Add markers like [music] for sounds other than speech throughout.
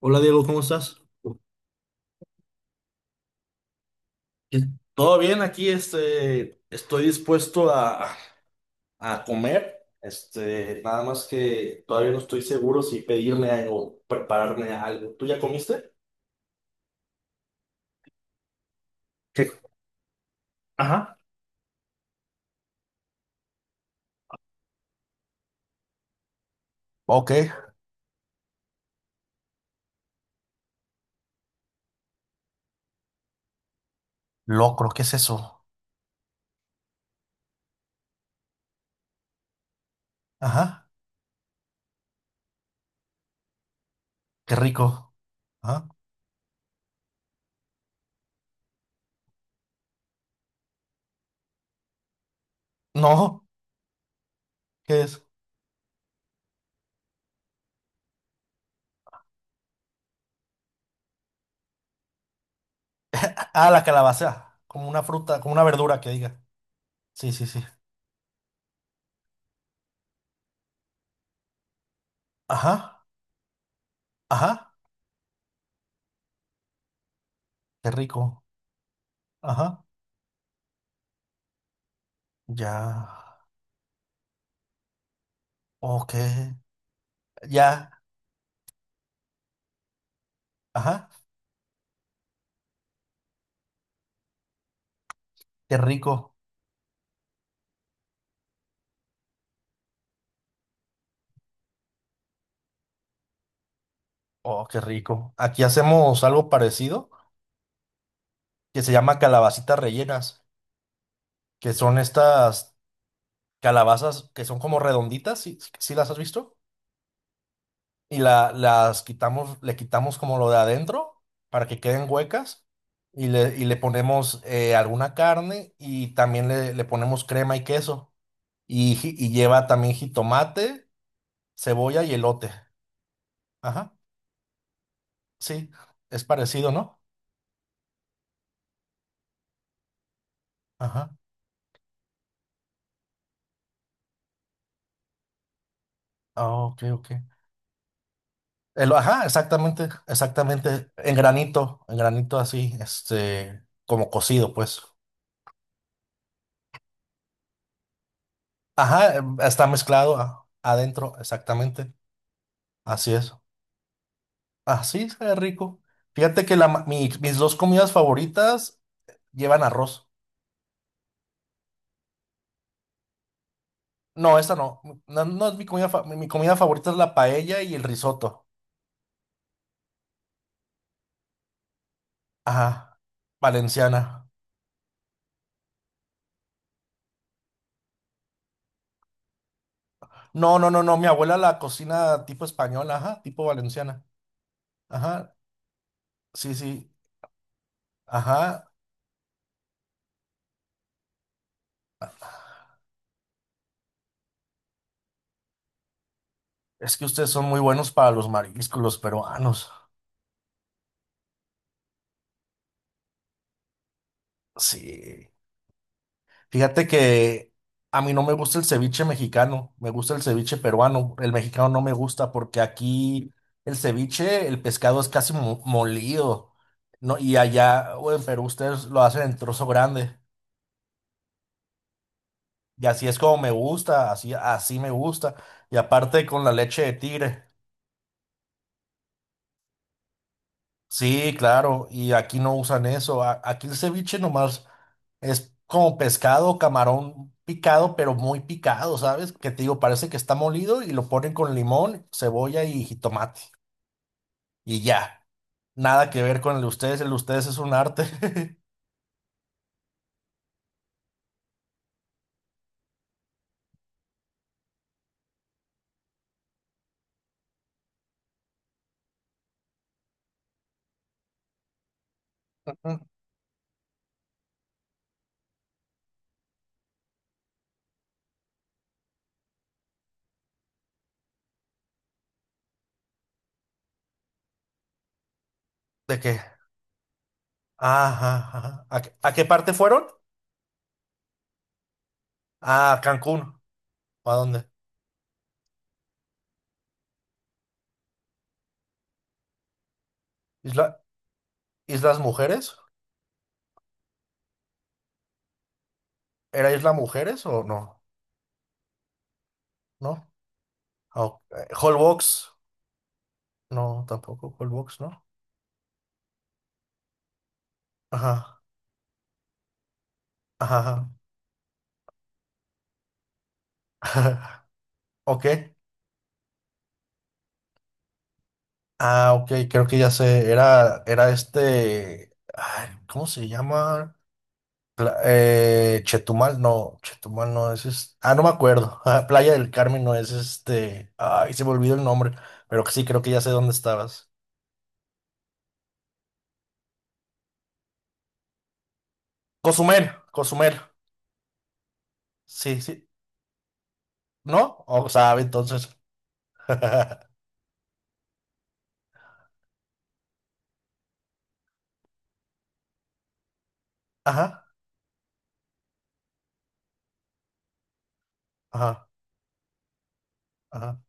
Hola Diego, ¿cómo estás? Pues, todo bien aquí, estoy dispuesto a comer, nada más que todavía no estoy seguro si pedirme algo, prepararme algo. ¿Tú ya comiste? ¿Qué? Ajá. Ok. Locro, ¿qué es eso? Ajá. Qué rico. Ajá. No, ¿qué es? Ah, la calabaza. Como una fruta, como una verdura que diga. Sí, sí, sí. Ajá. Ajá. Qué rico. Ajá. Ya. Ok. Ya. Ajá. Qué rico. Oh, qué rico. Aquí hacemos algo parecido que se llama calabacitas rellenas, que son estas calabazas que son como redonditas, si, si las has visto, y las quitamos, le quitamos como lo de adentro para que queden huecas y le ponemos alguna carne y también le ponemos crema y queso y, lleva también jitomate, cebolla y elote. Ajá, sí, es parecido, ¿no? Ajá. Ah, ok, ok. Ajá, exactamente, exactamente, en granito así, como cocido, pues. Ajá, está mezclado adentro, exactamente, así es. Así es rico. Fíjate que mis dos comidas favoritas llevan arroz. No, esa no, no, no es mi comida, mi comida favorita es la paella y el risotto. Ajá, valenciana. No, no, no, no, mi abuela la cocina tipo española, ajá, tipo valenciana. Ajá, sí, sí, ajá. Es que ustedes son muy buenos para los mariscos, los peruanos. Sí. Fíjate que a mí no me gusta el ceviche mexicano, me gusta el ceviche peruano. El mexicano no me gusta porque aquí el ceviche, el pescado es casi molido, ¿no? Y allá, o en Perú, ustedes lo hacen en trozo grande. Y así es como me gusta, así, así me gusta. Y aparte con la leche de tigre. Sí, claro, y aquí no usan eso. Aquí el ceviche nomás es como pescado, camarón picado, pero muy picado, ¿sabes? Que te digo, parece que está molido y lo ponen con limón, cebolla y jitomate. Y ya, nada que ver con el de ustedes es un arte. [laughs] Ujú. ¿De qué? Ajá, ajá. A qué parte fueron? A Cancún. ¿A dónde? ¿Isla, Islas Mujeres? ¿Era Isla Mujeres o no? ¿No? Ah, ok. Holbox. No, tampoco Holbox, ¿no? Ajá, ajá, ajá. [laughs] Ok. Ah, ok, creo que ya sé. Era, era este. Ay, ¿cómo se llama? Chetumal no es, ah, no me acuerdo. Ah, Playa del Carmen no es este. Ay, se me olvidó el nombre. Pero que sí, creo que ya sé dónde estabas. Cozumel, Cozumel. Sí, sí. ¿No? O sabe, entonces. [laughs] Ajá, ajá, ajá,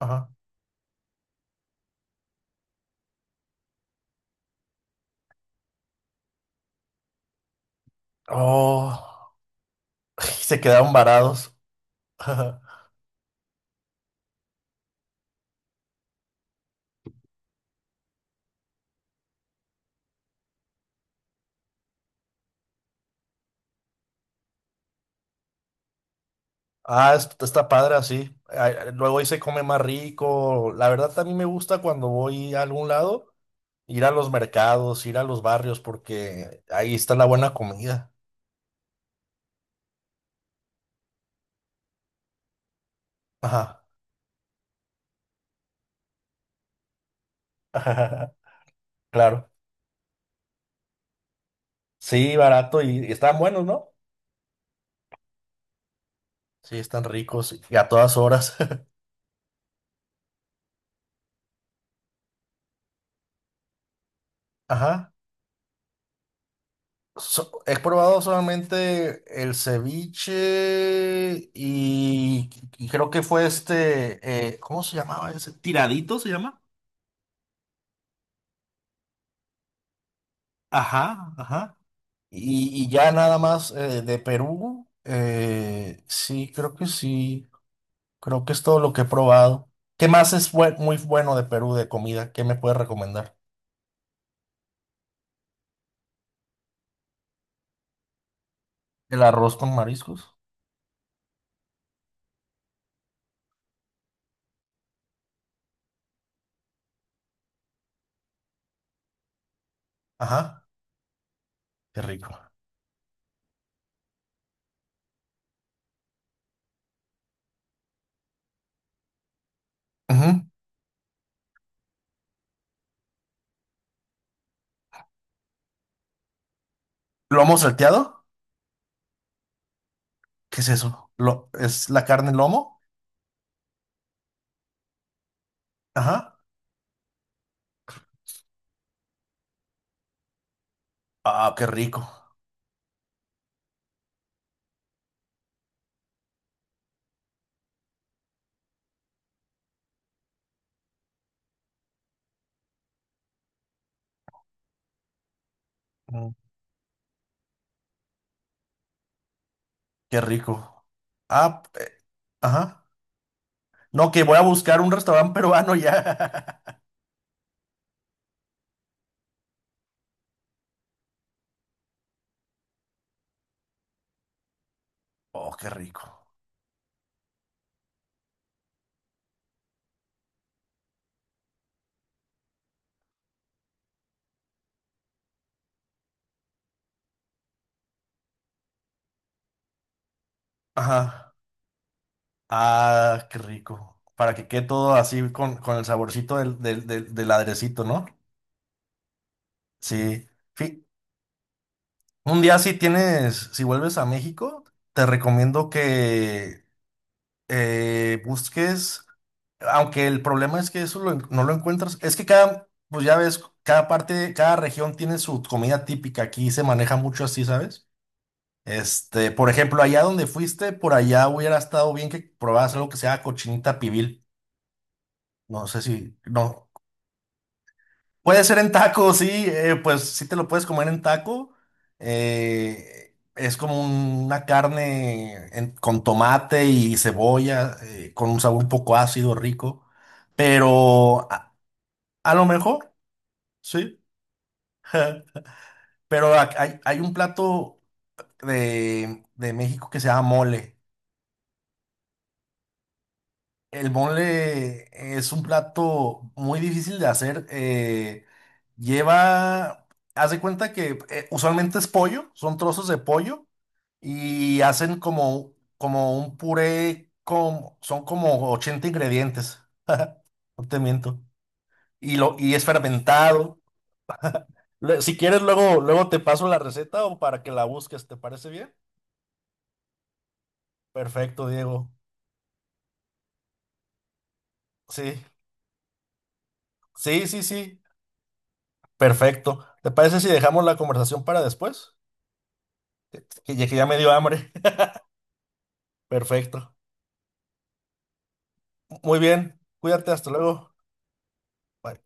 ajá. Oh, [laughs] se quedaron varados. [laughs] Ah, está padre así. Ay, luego ahí se come más rico. La verdad, también me gusta cuando voy a algún lado, ir a los mercados, ir a los barrios, porque ahí está la buena comida. Ajá. [laughs] Claro. Sí, barato y están buenos, ¿no? Sí, están ricos y a todas horas. [laughs] Ajá. He probado solamente el ceviche y creo que fue este, ¿cómo se llamaba ese? ¿Tiradito se llama? Ajá, ajá. Y ya nada más de Perú, sí, creo que es todo lo que he probado. ¿Qué más es muy bueno de Perú de comida? ¿Qué me puedes recomendar? El arroz con mariscos. Ajá, qué rico. Ujú. ¿Lomo salteado? ¿Qué es eso? ¿Es la carne lomo? Ajá. Ah, qué rico. Mm, qué rico. Ah, eh, ajá. No, que voy a buscar un restaurante peruano ya. [laughs] Oh, qué rico. Ajá. Ah, qué rico. Para que quede todo así con el saborcito del airecito, ¿no? Sí. Fi- Un día si tienes, si vuelves a México, te recomiendo que busques, aunque el problema es que eso no lo encuentras, es que cada, pues ya ves, cada parte, cada región tiene su comida típica, aquí se maneja mucho así, ¿sabes? Este, por ejemplo, allá donde fuiste, por allá hubiera estado bien que probaras algo que sea cochinita pibil. No sé si, no, puede ser en taco, sí, pues sí te lo puedes comer en taco. Es como una carne con tomate y cebolla, con un sabor un poco ácido, rico. Pero a lo mejor, sí. Pero hay, hay un plato de México que se llama mole. El mole es un plato muy difícil de hacer. Lleva, Haz de cuenta que usualmente es pollo, son trozos de pollo y hacen como, como un puré con, son como 80 ingredientes, no te miento. Y, y es fermentado. Si quieres, luego, luego te paso la receta o para que la busques, ¿te parece bien? Perfecto, Diego. Sí, sí, sí, sí. Perfecto. ¿Te parece si dejamos la conversación para después? Que ya me dio hambre. [laughs] Perfecto. Muy bien. Cuídate, hasta luego. Bye.